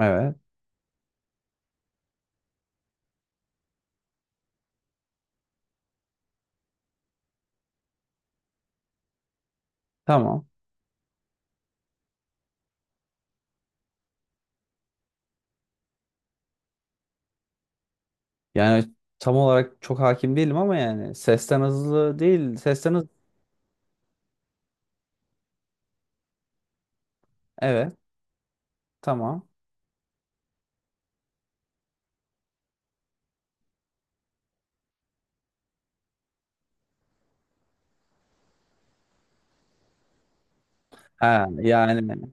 Evet. Tamam. Yani tam olarak çok hakim değilim ama yani sesten hızlı değil. Sesten hızlı. Evet. Tamam. Ha, yani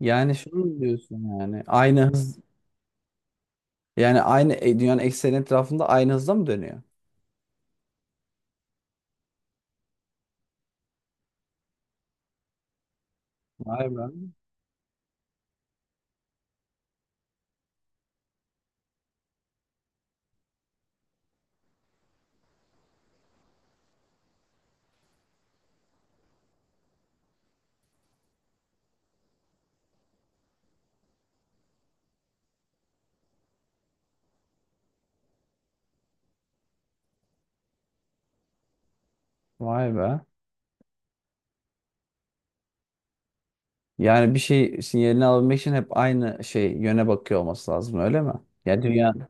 şunu mu diyorsun, yani aynı hız, yani aynı dünyanın ekseni etrafında aynı hızda mı dönüyor? Vay be. Vay be. Yani bir şey sinyalini alabilmek için hep aynı yöne bakıyor olması lazım, öyle mi? Ya dünya,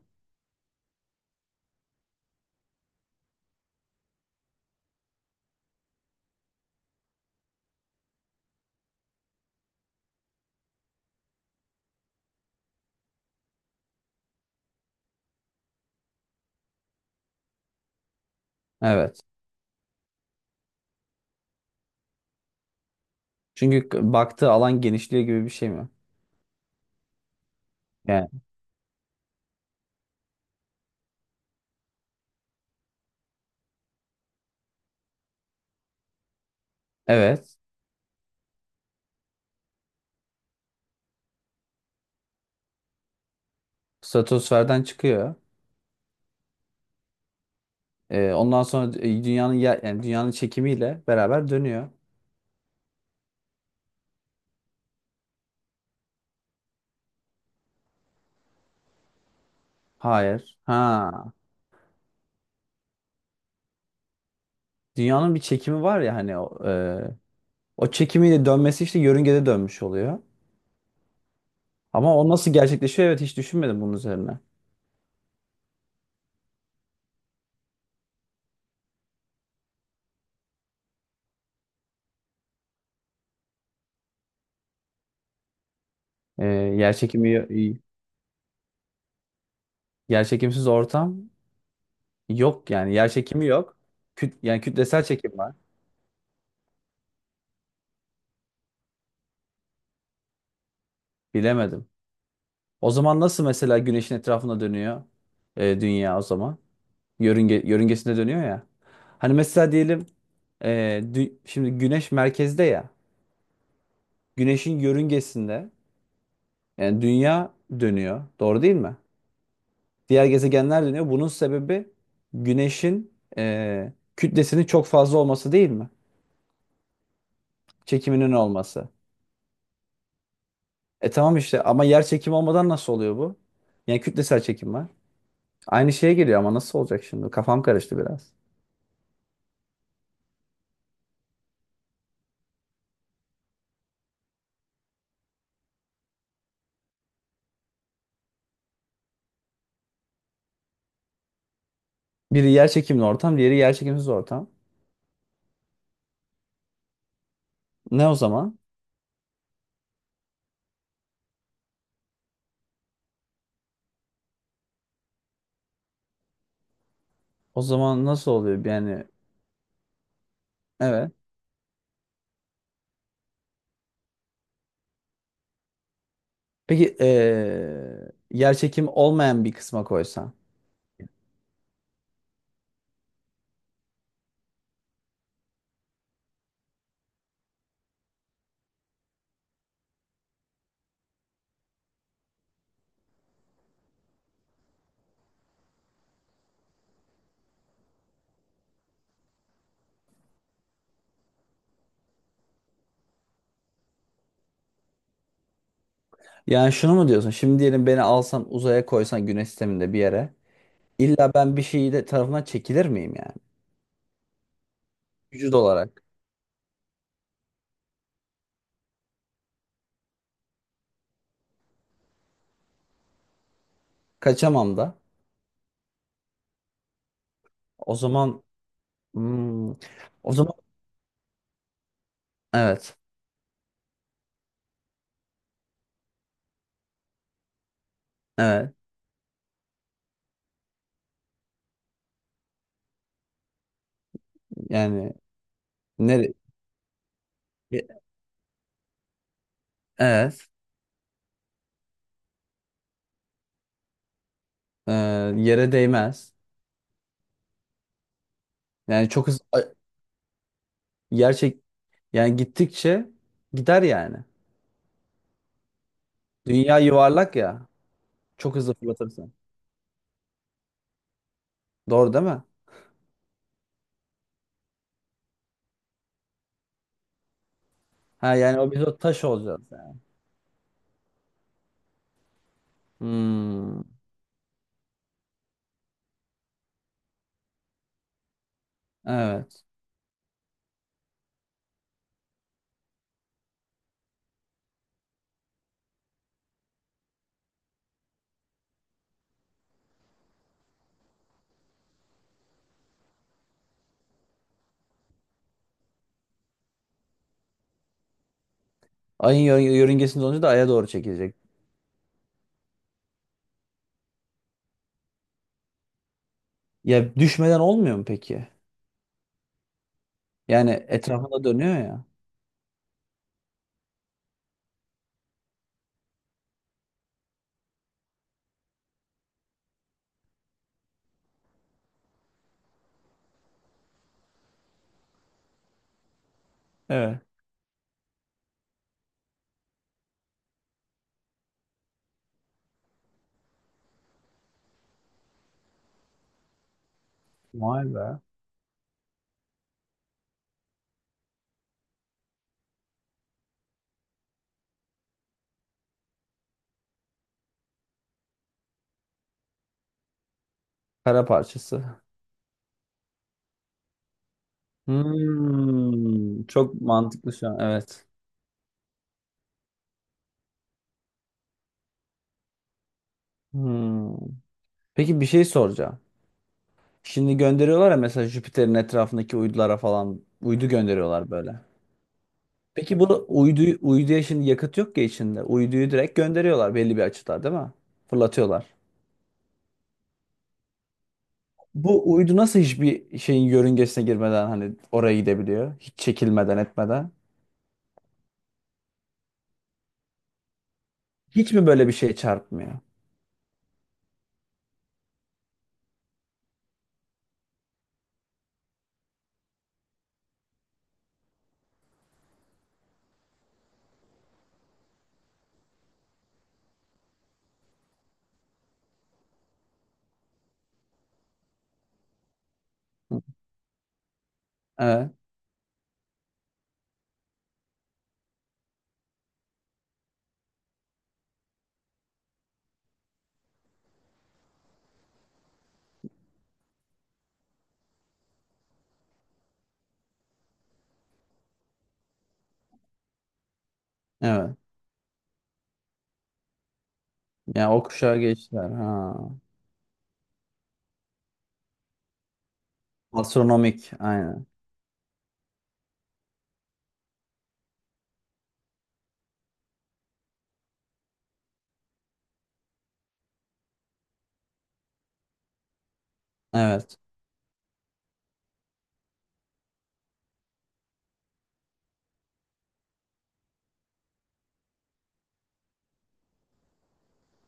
evet. Çünkü baktığı alan genişliyor gibi bir şey mi? Yani evet. Stratosferden çıkıyor. Ondan sonra dünyanın yani dünyanın çekimiyle beraber dönüyor. Hayır. Ha. Dünyanın bir çekimi var ya, hani o, o çekimiyle dönmesi, işte yörüngede dönmüş oluyor. Ama o nasıl gerçekleşiyor? Evet, hiç düşünmedim bunun üzerine. Yer çekimi, yer çekimsiz ortam yok, yani yer çekimi yok. Yani kütlesel çekim var. Bilemedim. O zaman nasıl mesela güneşin etrafında dönüyor dünya o zaman? Yörünge, yörüngesinde dönüyor ya. Hani mesela diyelim Ee, şimdi güneş merkezde ya. Güneşin yörüngesinde yani dünya dönüyor. Doğru değil mi? Diğer gezegenler dönüyor. Bunun sebebi güneşin kütlesinin çok fazla olması değil mi? Çekiminin olması. E tamam işte, ama yer çekimi olmadan nasıl oluyor bu? Yani kütlesel çekim var. Aynı şeye geliyor ama nasıl olacak şimdi? Kafam karıştı biraz. Biri yer çekimli ortam, diğeri yer çekimsiz ortam. Ne o zaman? O zaman nasıl oluyor? Yani evet. Peki yerçekimi olmayan bir kısma koysan. Yani şunu mu diyorsun? Şimdi diyelim, beni alsan uzaya koysan güneş sisteminde bir yere. İlla ben bir şeyi de tarafından çekilir miyim yani? Vücut olarak. Kaçamam da. O zaman hmm, o zaman evet. Evet. Yani nere evet. Ee, yere değmez. Yani çok hızlı, gerçek yani gittikçe gider yani. Dünya yuvarlak ya. Çok hızlı fırlatırsan. Doğru değil mi? Ha, yani o, biz o taş olacağız yani. Hmm. Evet. Ayın yörüngesinde olunca da aya doğru çekilecek. Ya düşmeden olmuyor mu peki? Yani etrafında dönüyor ya. Evet. Vay be. Kara parçası. Hmm, çok mantıklı şu an. Evet. Hmm. Peki bir şey soracağım. Şimdi gönderiyorlar ya, mesela Jüpiter'in etrafındaki uydulara falan uydu gönderiyorlar böyle. Peki bu uydu, uyduya şimdi yakıt yok ya içinde. Uyduyu direkt gönderiyorlar belli bir açıda değil mi? Fırlatıyorlar. Bu uydu nasıl hiçbir şeyin yörüngesine girmeden hani oraya gidebiliyor? Hiç çekilmeden etmeden. Hiç mi böyle bir şey çarpmıyor? Evet. Evet. Yani o kuşağa geçtiler. Ha. Astronomik. Aynen. Evet.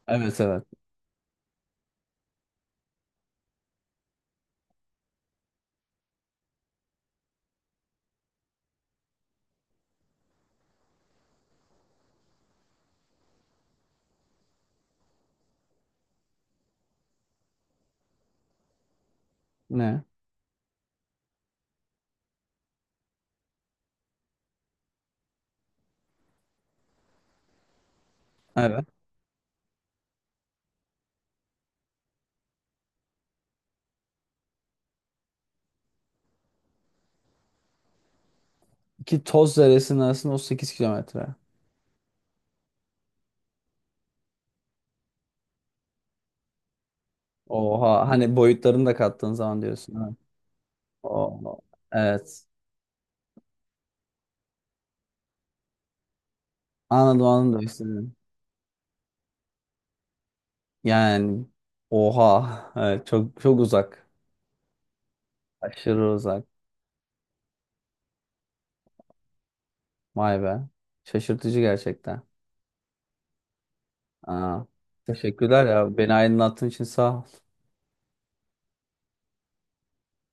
Evet, evet. Ne? Evet. Ki toz zerresinin arasında 38 kilometre. Oha. Hani boyutlarını da kattığın zaman diyorsun. Evet. Oha. Evet. Anladım, anladım, demek istediğini. Yani oha. Evet, çok çok uzak. Aşırı uzak. Vay be. Şaşırtıcı gerçekten. Aa, teşekkürler ya. Beni aydınlattığın için sağ ol.